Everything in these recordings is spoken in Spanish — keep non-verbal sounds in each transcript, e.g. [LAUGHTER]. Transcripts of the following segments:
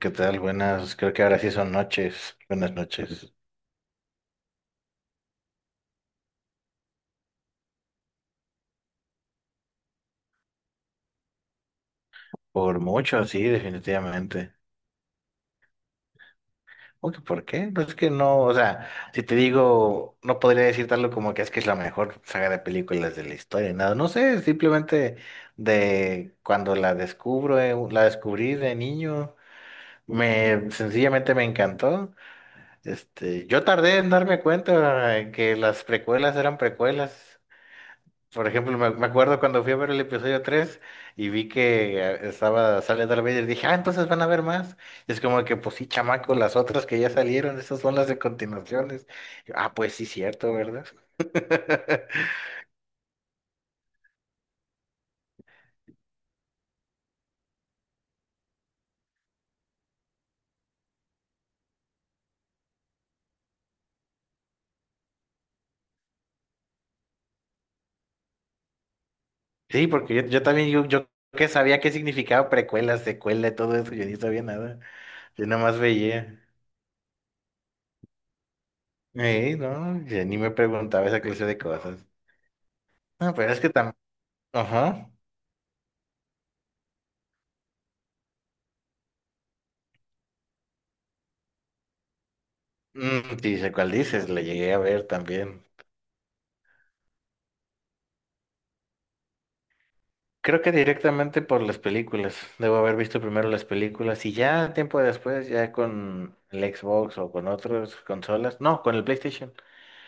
¿Qué tal? Buenas, creo que ahora sí son noches. Buenas noches. Por mucho, sí, definitivamente. Aunque, ¿por qué? Pues es que no, o sea, si te digo, no podría decir tal como que es la mejor saga de películas de la historia, nada, no sé, simplemente de cuando la descubro, la descubrí de niño, me sencillamente me encantó. Este, yo tardé en darme cuenta que las precuelas eran precuelas. Por ejemplo, me acuerdo cuando fui a ver el episodio 3 y vi que sale Darth Vader, dije, ah, entonces van a ver más. Y es como que, pues sí, chamaco, las otras que ya salieron, esas son las de continuaciones. Yo, ah, pues sí, cierto, ¿verdad? [LAUGHS] Sí, porque yo también, yo que sabía qué significaba precuela, secuela y todo eso, yo ni sabía nada, yo nada más veía. No, yo ni me preguntaba esa clase de cosas. No, pero es que también, ajá, mm, sí, sé cuál dices, la llegué a ver también. Creo que directamente por las películas. Debo haber visto primero las películas y ya tiempo después, ya con el Xbox o con otras consolas. No, con el PlayStation.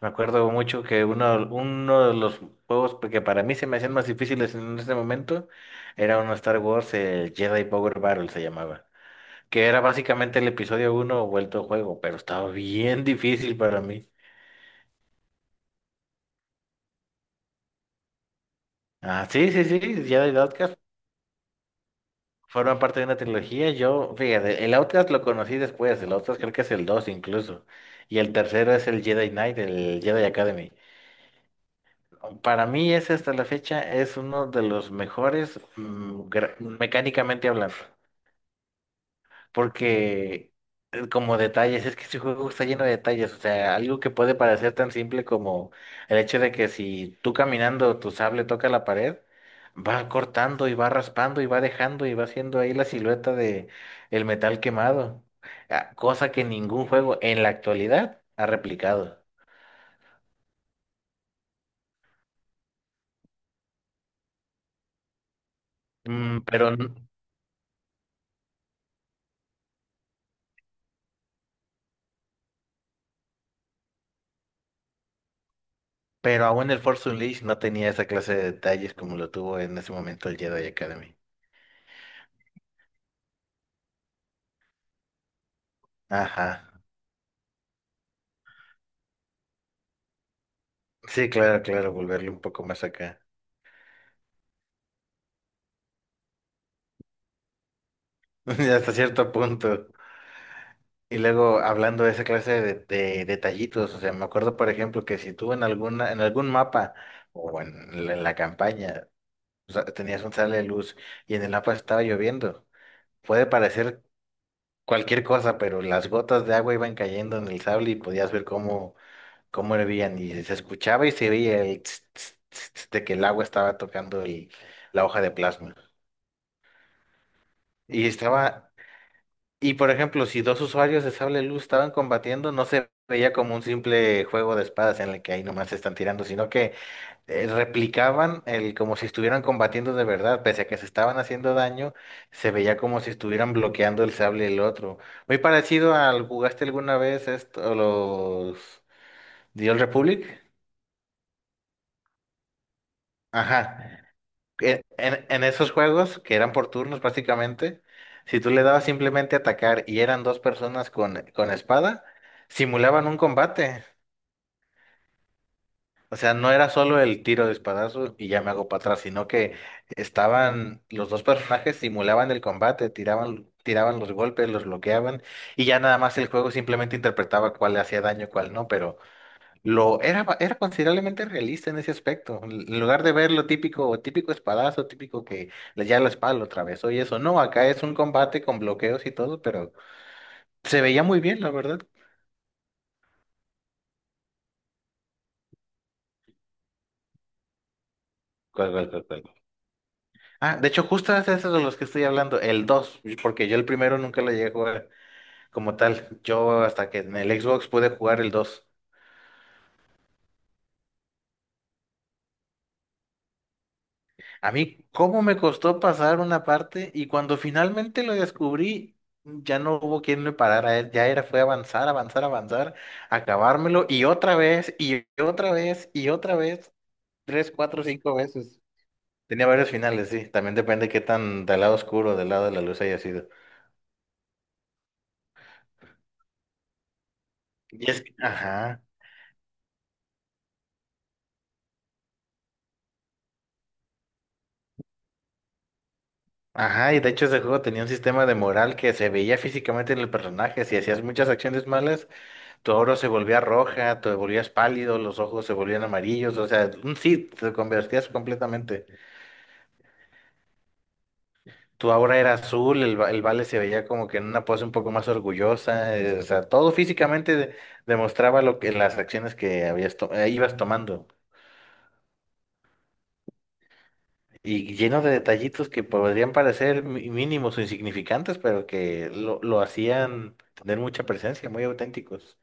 Me acuerdo mucho que uno de los juegos que para mí se me hacían más difíciles en ese momento era uno Star Wars, el Jedi Power Battle se llamaba. Que era básicamente el episodio uno vuelto juego, pero estaba bien difícil para mí. Ah, sí, Jedi Outcast forma parte de una trilogía. Yo, fíjate, el Outlast lo conocí después. El Outlast creo que es el 2 incluso. Y el tercero es el Jedi Knight, el Jedi Academy. Para mí ese hasta la fecha es uno de los mejores, mecánicamente hablando, porque como detalles, es que este juego está lleno de detalles, o sea, algo que puede parecer tan simple como el hecho de que si tú caminando tu sable toca la pared, va cortando y va raspando y va dejando y va haciendo ahí la silueta de el metal quemado, ah, cosa que ningún juego en la actualidad ha replicado. Mm, pero n- pero aún el Force Unleashed no tenía esa clase de detalles como lo tuvo en ese momento el Jedi Academy. Ajá. Sí, claro, claro, volverle un poco más acá. [LAUGHS] Hasta cierto punto. Y luego hablando de esa clase de detallitos, o sea, me acuerdo por ejemplo que si tú en algún mapa o en la campaña, o sea, tenías un sale de luz y en el mapa estaba lloviendo, puede parecer cualquier cosa, pero las gotas de agua iban cayendo en el sable y podías ver cómo hervían y se escuchaba y se veía el tss, tss, tss, tss de que el agua estaba tocando la hoja de plasma. Y estaba Y por ejemplo, si dos usuarios de sable luz estaban combatiendo, no se veía como un simple juego de espadas en el que ahí nomás se están tirando, sino que replicaban el como si estuvieran combatiendo de verdad, pese a que se estaban haciendo daño, se veía como si estuvieran bloqueando el sable del otro. Muy parecido al ¿jugaste alguna vez esto, los The Old Republic? Ajá. En esos juegos, que eran por turnos prácticamente, si tú le dabas simplemente atacar y eran dos personas con espada, simulaban un combate. O sea, no era solo el tiro de espadazo y ya me hago para atrás, sino que estaban los dos personajes simulaban el combate, tiraban los golpes, los bloqueaban y ya nada más el juego simplemente interpretaba cuál le hacía daño, cuál no, pero era considerablemente realista en ese aspecto. En lugar de ver lo típico, típico espadazo, típico ya la espada lo atravesó y eso. No, acá es un combate con bloqueos y todo, pero se veía muy bien, la verdad. Cuál? Ah, de hecho, justo es eso de los que estoy hablando, el dos, porque yo el primero nunca lo llegué a jugar como tal. Yo hasta que en el Xbox pude jugar el dos. A mí, ¿cómo me costó pasar una parte? Y cuando finalmente lo descubrí, ya no hubo quien me parara. Ya era, fue avanzar, avanzar, avanzar, acabármelo y otra vez, y otra vez, y otra vez, tres, cuatro, cinco veces. Tenía varios finales, sí. También depende qué tan del lado oscuro, del lado de la luz haya sido. Y es que, ajá, ajá, Y de hecho ese juego tenía un sistema de moral que se veía físicamente en el personaje. Si hacías muchas acciones malas, tu oro se volvía roja, te volvías pálido, los ojos se volvían amarillos, o sea, sí, te convertías completamente. Tu aura era azul, el vale se veía como que en una pose un poco más orgullosa, o sea, todo físicamente demostraba lo que las acciones que ibas tomando. Y lleno de detallitos que podrían parecer mínimos o insignificantes, pero que lo hacían tener mucha presencia, muy auténticos.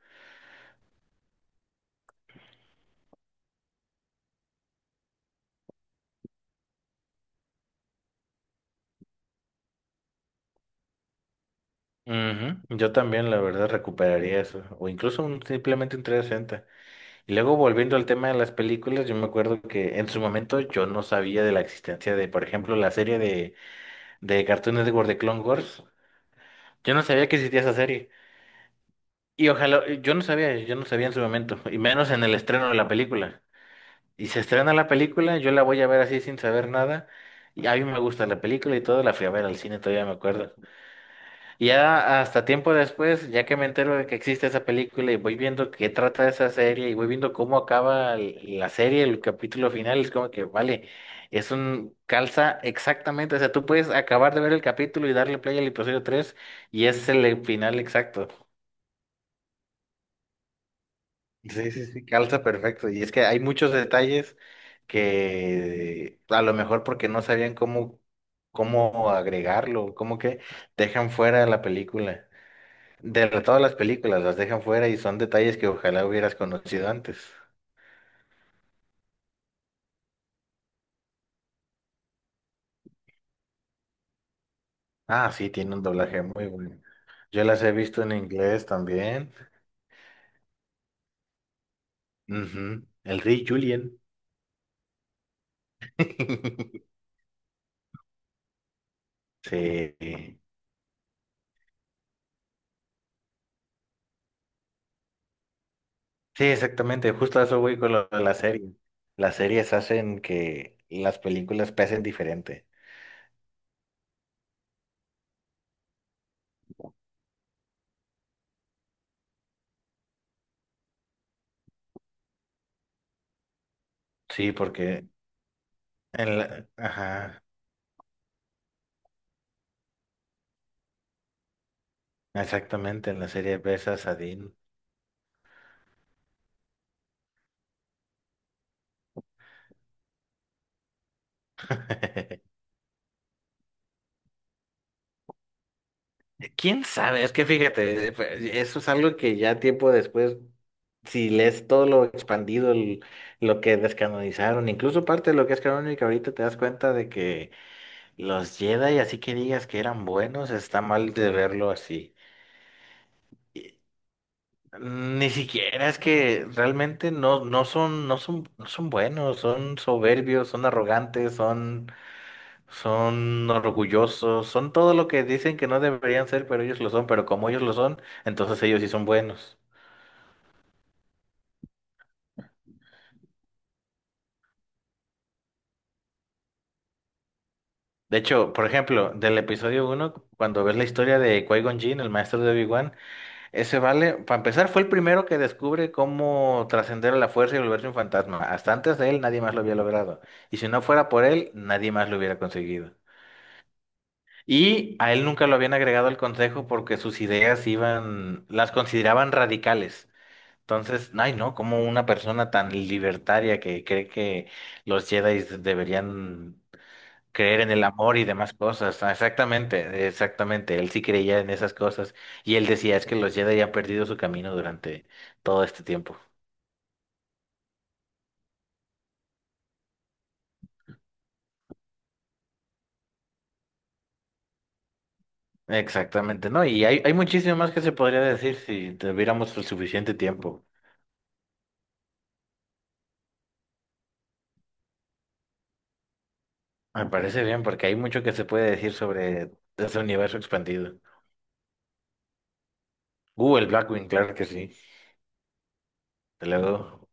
Ujú, yo también, la verdad, recuperaría eso. O incluso simplemente un 360. Y luego volviendo al tema de las películas, yo me acuerdo que en su momento yo no sabía de la existencia de, por ejemplo, la serie de Cartoon Network de Clone Wars. Yo no sabía que existía esa serie. Y ojalá, yo no sabía en su momento, y menos en el estreno de la película. Y se estrena la película, yo la voy a ver así sin saber nada. Y a mí me gusta la película y todo, la fui a ver al cine, todavía me acuerdo. Ya hasta tiempo después, ya que me entero de que existe esa película y voy viendo qué trata esa serie y voy viendo cómo acaba la serie, el capítulo final, es como que, vale, es un calza exactamente, o sea, tú puedes acabar de ver el capítulo y darle play al episodio tres y es el final exacto. Sí, calza perfecto. Y es que hay muchos detalles que a lo mejor porque no sabían cómo agregarlo, como que dejan fuera de la película. De todas las películas las dejan fuera y son detalles que ojalá hubieras conocido antes. Ah, sí, tiene un doblaje muy bueno. Yo las he visto en inglés también. Ujú, el Rey Julien. [LAUGHS] Sí, sí, exactamente. Justo a eso voy con lo de la serie. Las series hacen que las películas pesen diferente. Sí, porque en la... Ajá, exactamente, en la serie besas a Dean. [LAUGHS] ¿Quién sabe? Es que fíjate, pues, eso es algo que ya tiempo después si lees todo lo expandido, lo que descanonizaron, incluso parte de lo que es canónico, ahorita te das cuenta de que los Jedi, así que digas que eran buenos, está mal de verlo así. Y Ni siquiera es que realmente no, no son buenos, son soberbios, son arrogantes, son orgullosos, son todo lo que dicen que no deberían ser, pero ellos lo son, pero como ellos lo son, entonces ellos sí son buenos. De hecho, por ejemplo, del episodio uno, cuando ves la historia de Qui-Gon Jinn, el maestro de Obi-Wan, ese vale, para empezar, fue el primero que descubre cómo trascender a la fuerza y volverse un fantasma. Hasta antes de él, nadie más lo había logrado. Y si no fuera por él, nadie más lo hubiera conseguido. Y a él nunca lo habían agregado al consejo porque sus ideas iban, las consideraban radicales. Entonces, ay no, como una persona tan libertaria que cree que los Jedi deberían creer en el amor y demás cosas. Ah, exactamente, exactamente. Él sí creía en esas cosas. Y él decía, es que los Jedi han perdido su camino durante todo este tiempo. Exactamente, ¿no? Y hay muchísimo más que se podría decir si tuviéramos el suficiente tiempo. Me parece bien, porque hay mucho que se puede decir sobre ese universo expandido. El Blackwing, claro que sí. Te lo doy.